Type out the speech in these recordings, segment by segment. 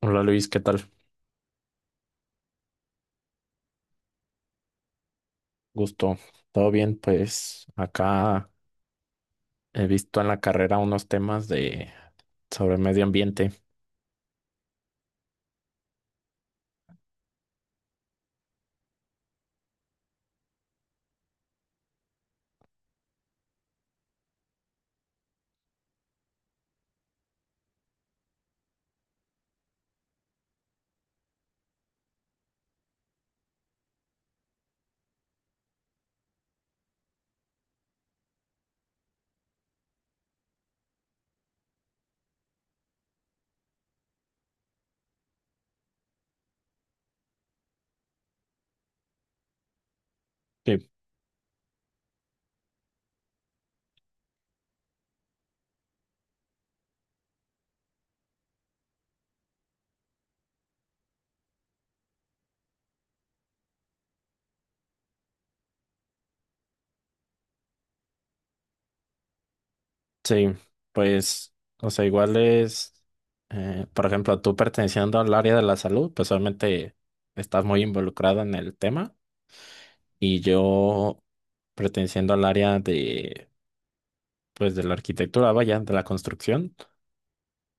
Hola Luis, ¿qué tal? Gusto. ¿Todo bien? Pues acá he visto en la carrera unos temas de sobre medio ambiente. Sí. Sí, pues, o sea, igual es, por ejemplo, tú perteneciendo al área de la salud, pues obviamente estás muy involucrado en el tema y yo perteneciendo al área de, pues, de la arquitectura, vaya, de la construcción,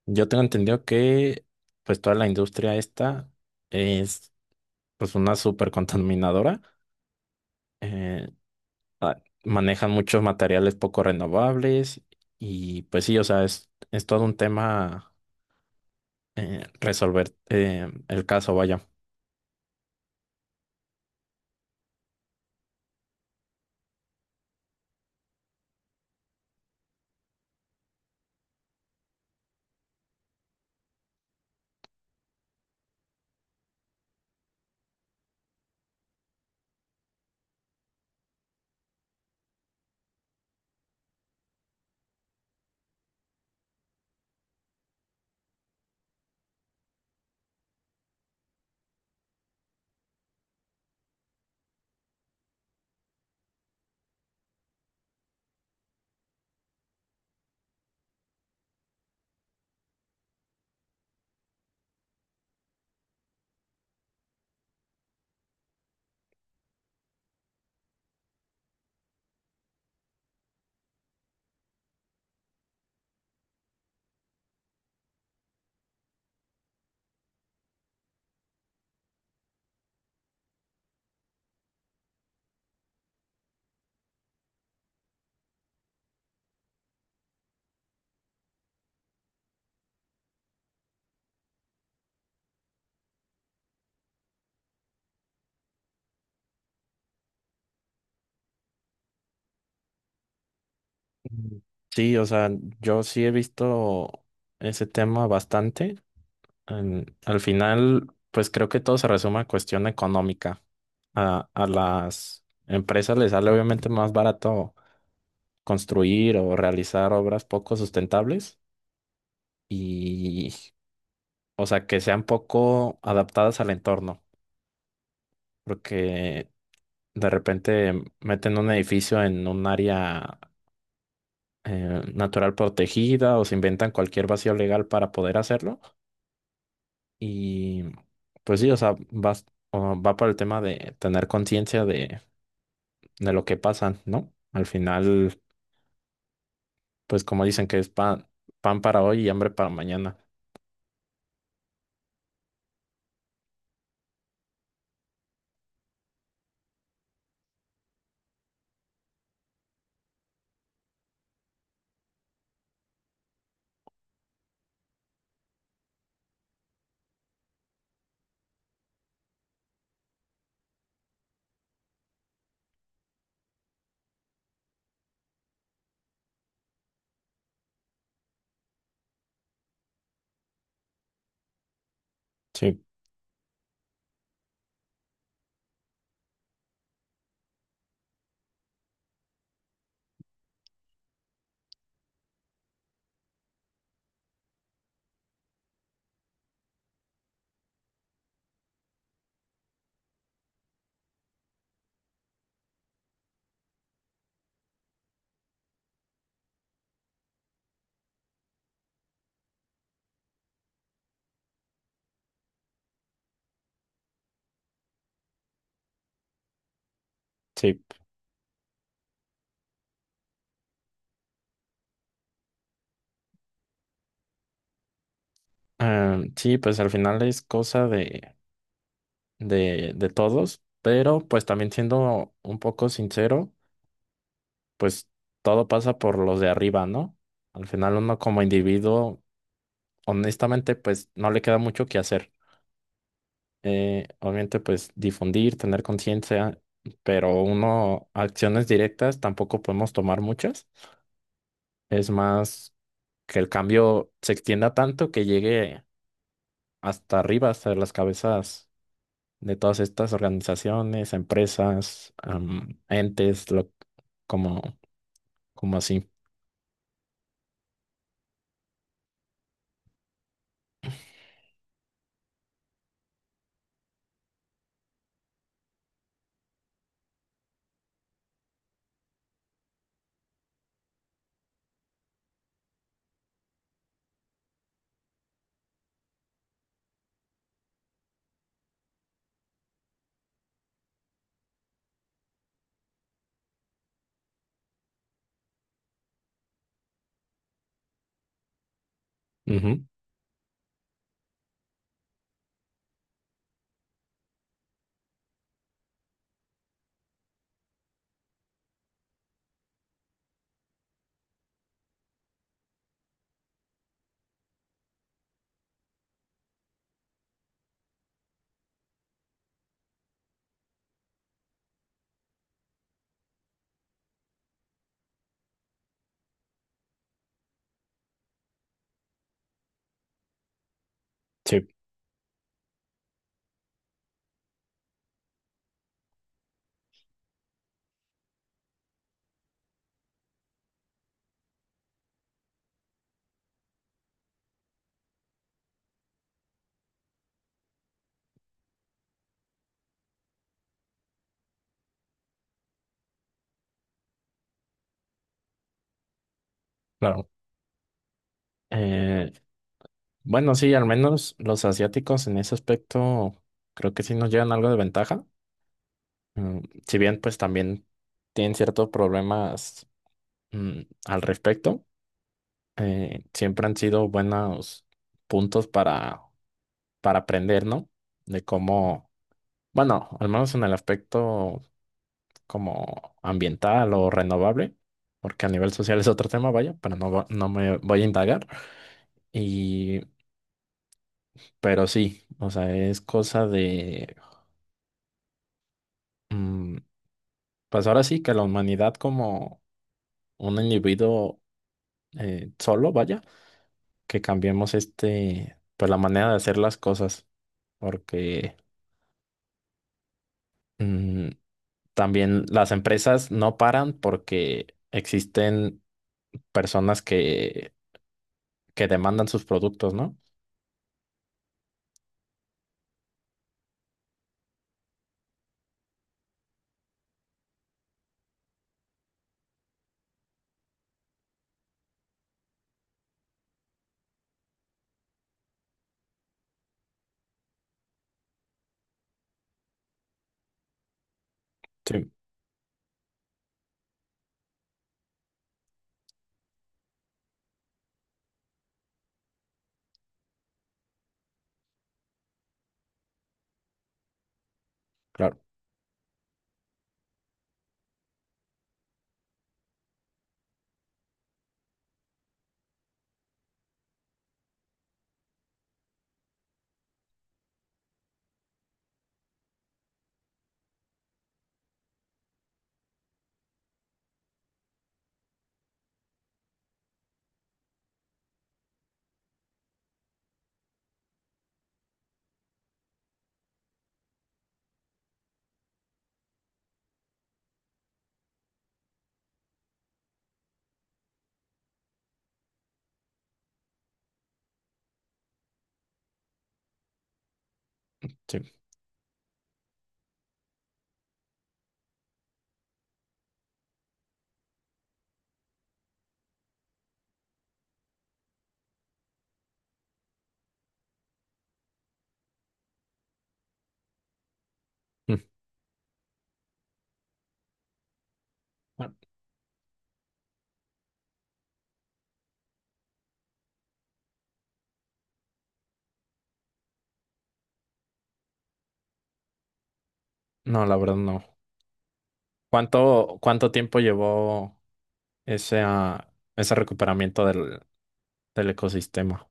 yo tengo entendido que, pues, toda la industria esta es, pues, una súper contaminadora. eh, Manejan muchos materiales poco renovables y pues sí, o sea, es todo un tema resolver el caso, vaya. Mm. Sí, o sea, yo sí he visto ese tema bastante. Al final, pues creo que todo se resume a cuestión económica. A las empresas les sale obviamente más barato construir o realizar obras poco sustentables y, o sea, que sean poco adaptadas al entorno. Porque de repente meten un edificio en un área natural protegida o se inventan cualquier vacío legal para poder hacerlo. Y pues sí, o sea, o va por el tema de tener conciencia de lo que pasa, ¿no? Al final, pues como dicen que es pan, pan para hoy y hambre para mañana. Sí, sí. Sí, pues al final es cosa de, de todos, pero pues también siendo un poco sincero. Pues todo pasa por los de arriba, ¿no? Al final uno como individuo, honestamente, pues no le queda mucho que hacer. Obviamente, pues difundir, tener conciencia, pero uno, acciones directas tampoco podemos tomar muchas. Es más que el cambio se extienda tanto que llegue hasta arriba, hasta las cabezas de todas estas organizaciones, empresas, am, entes, lo, como, como así. Ujú. Sí, claro. Eh, Bueno, sí, al menos los asiáticos en ese aspecto creo que sí nos llevan algo de ventaja. Mm, si bien pues también tienen ciertos problemas mm, al respecto, siempre han sido buenos puntos para aprender, ¿no? De cómo, bueno, al menos en el aspecto como ambiental o renovable, porque a nivel social es otro tema, vaya, pero no, no me voy a indagar. Y, pero sí, o sea, es cosa de... mm, pues ahora sí que la humanidad como un individuo solo, vaya, que cambiemos este, pues la manera de hacer las cosas, porque mm, también las empresas no paran porque existen personas que demandan sus productos, ¿no? Sí, claro, sí. Mm. Bueno, no, la verdad no. ¿Cuánto, cuánto tiempo llevó ese, ese recuperamiento del, del ecosistema?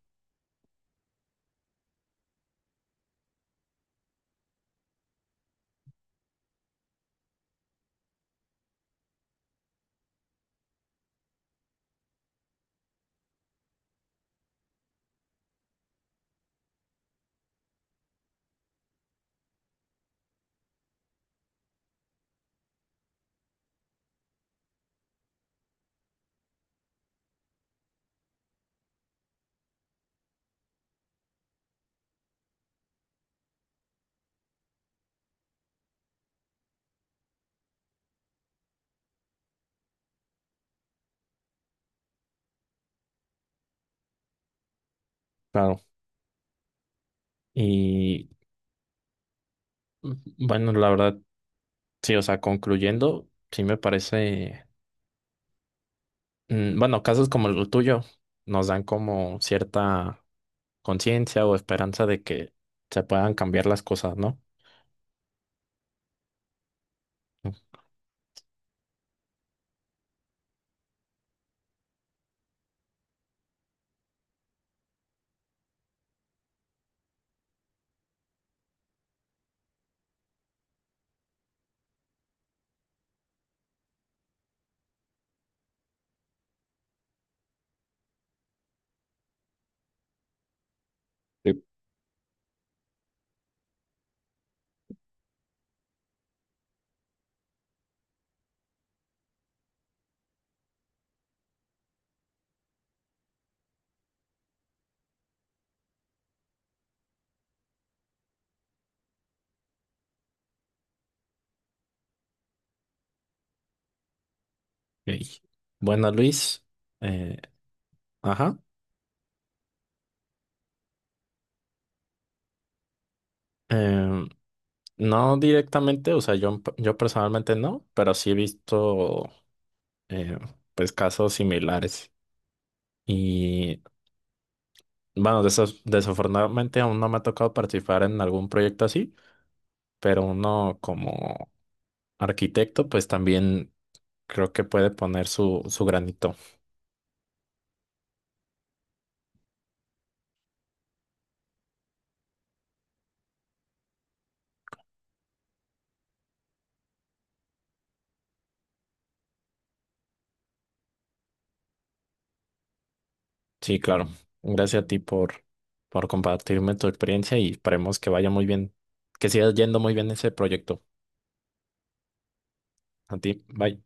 Claro. Y bueno, la verdad, sí, o sea, concluyendo, sí me parece, mm, bueno, casos como el tuyo nos dan como cierta conciencia o esperanza de que se puedan cambiar las cosas, ¿no? Sí. Ok. Bueno, Luis, eh, ajá, em, no directamente, o sea, yo personalmente no, pero sí he visto eh, pues casos similares y bueno, desafortunadamente aún no me ha tocado participar en algún proyecto así pero uno como arquitecto, pues también creo que puede poner su, su granito. Sí, claro. Gracias a ti por compartirme tu experiencia y esperemos que vaya muy bien, que siga yendo muy bien ese proyecto. A ti, bye.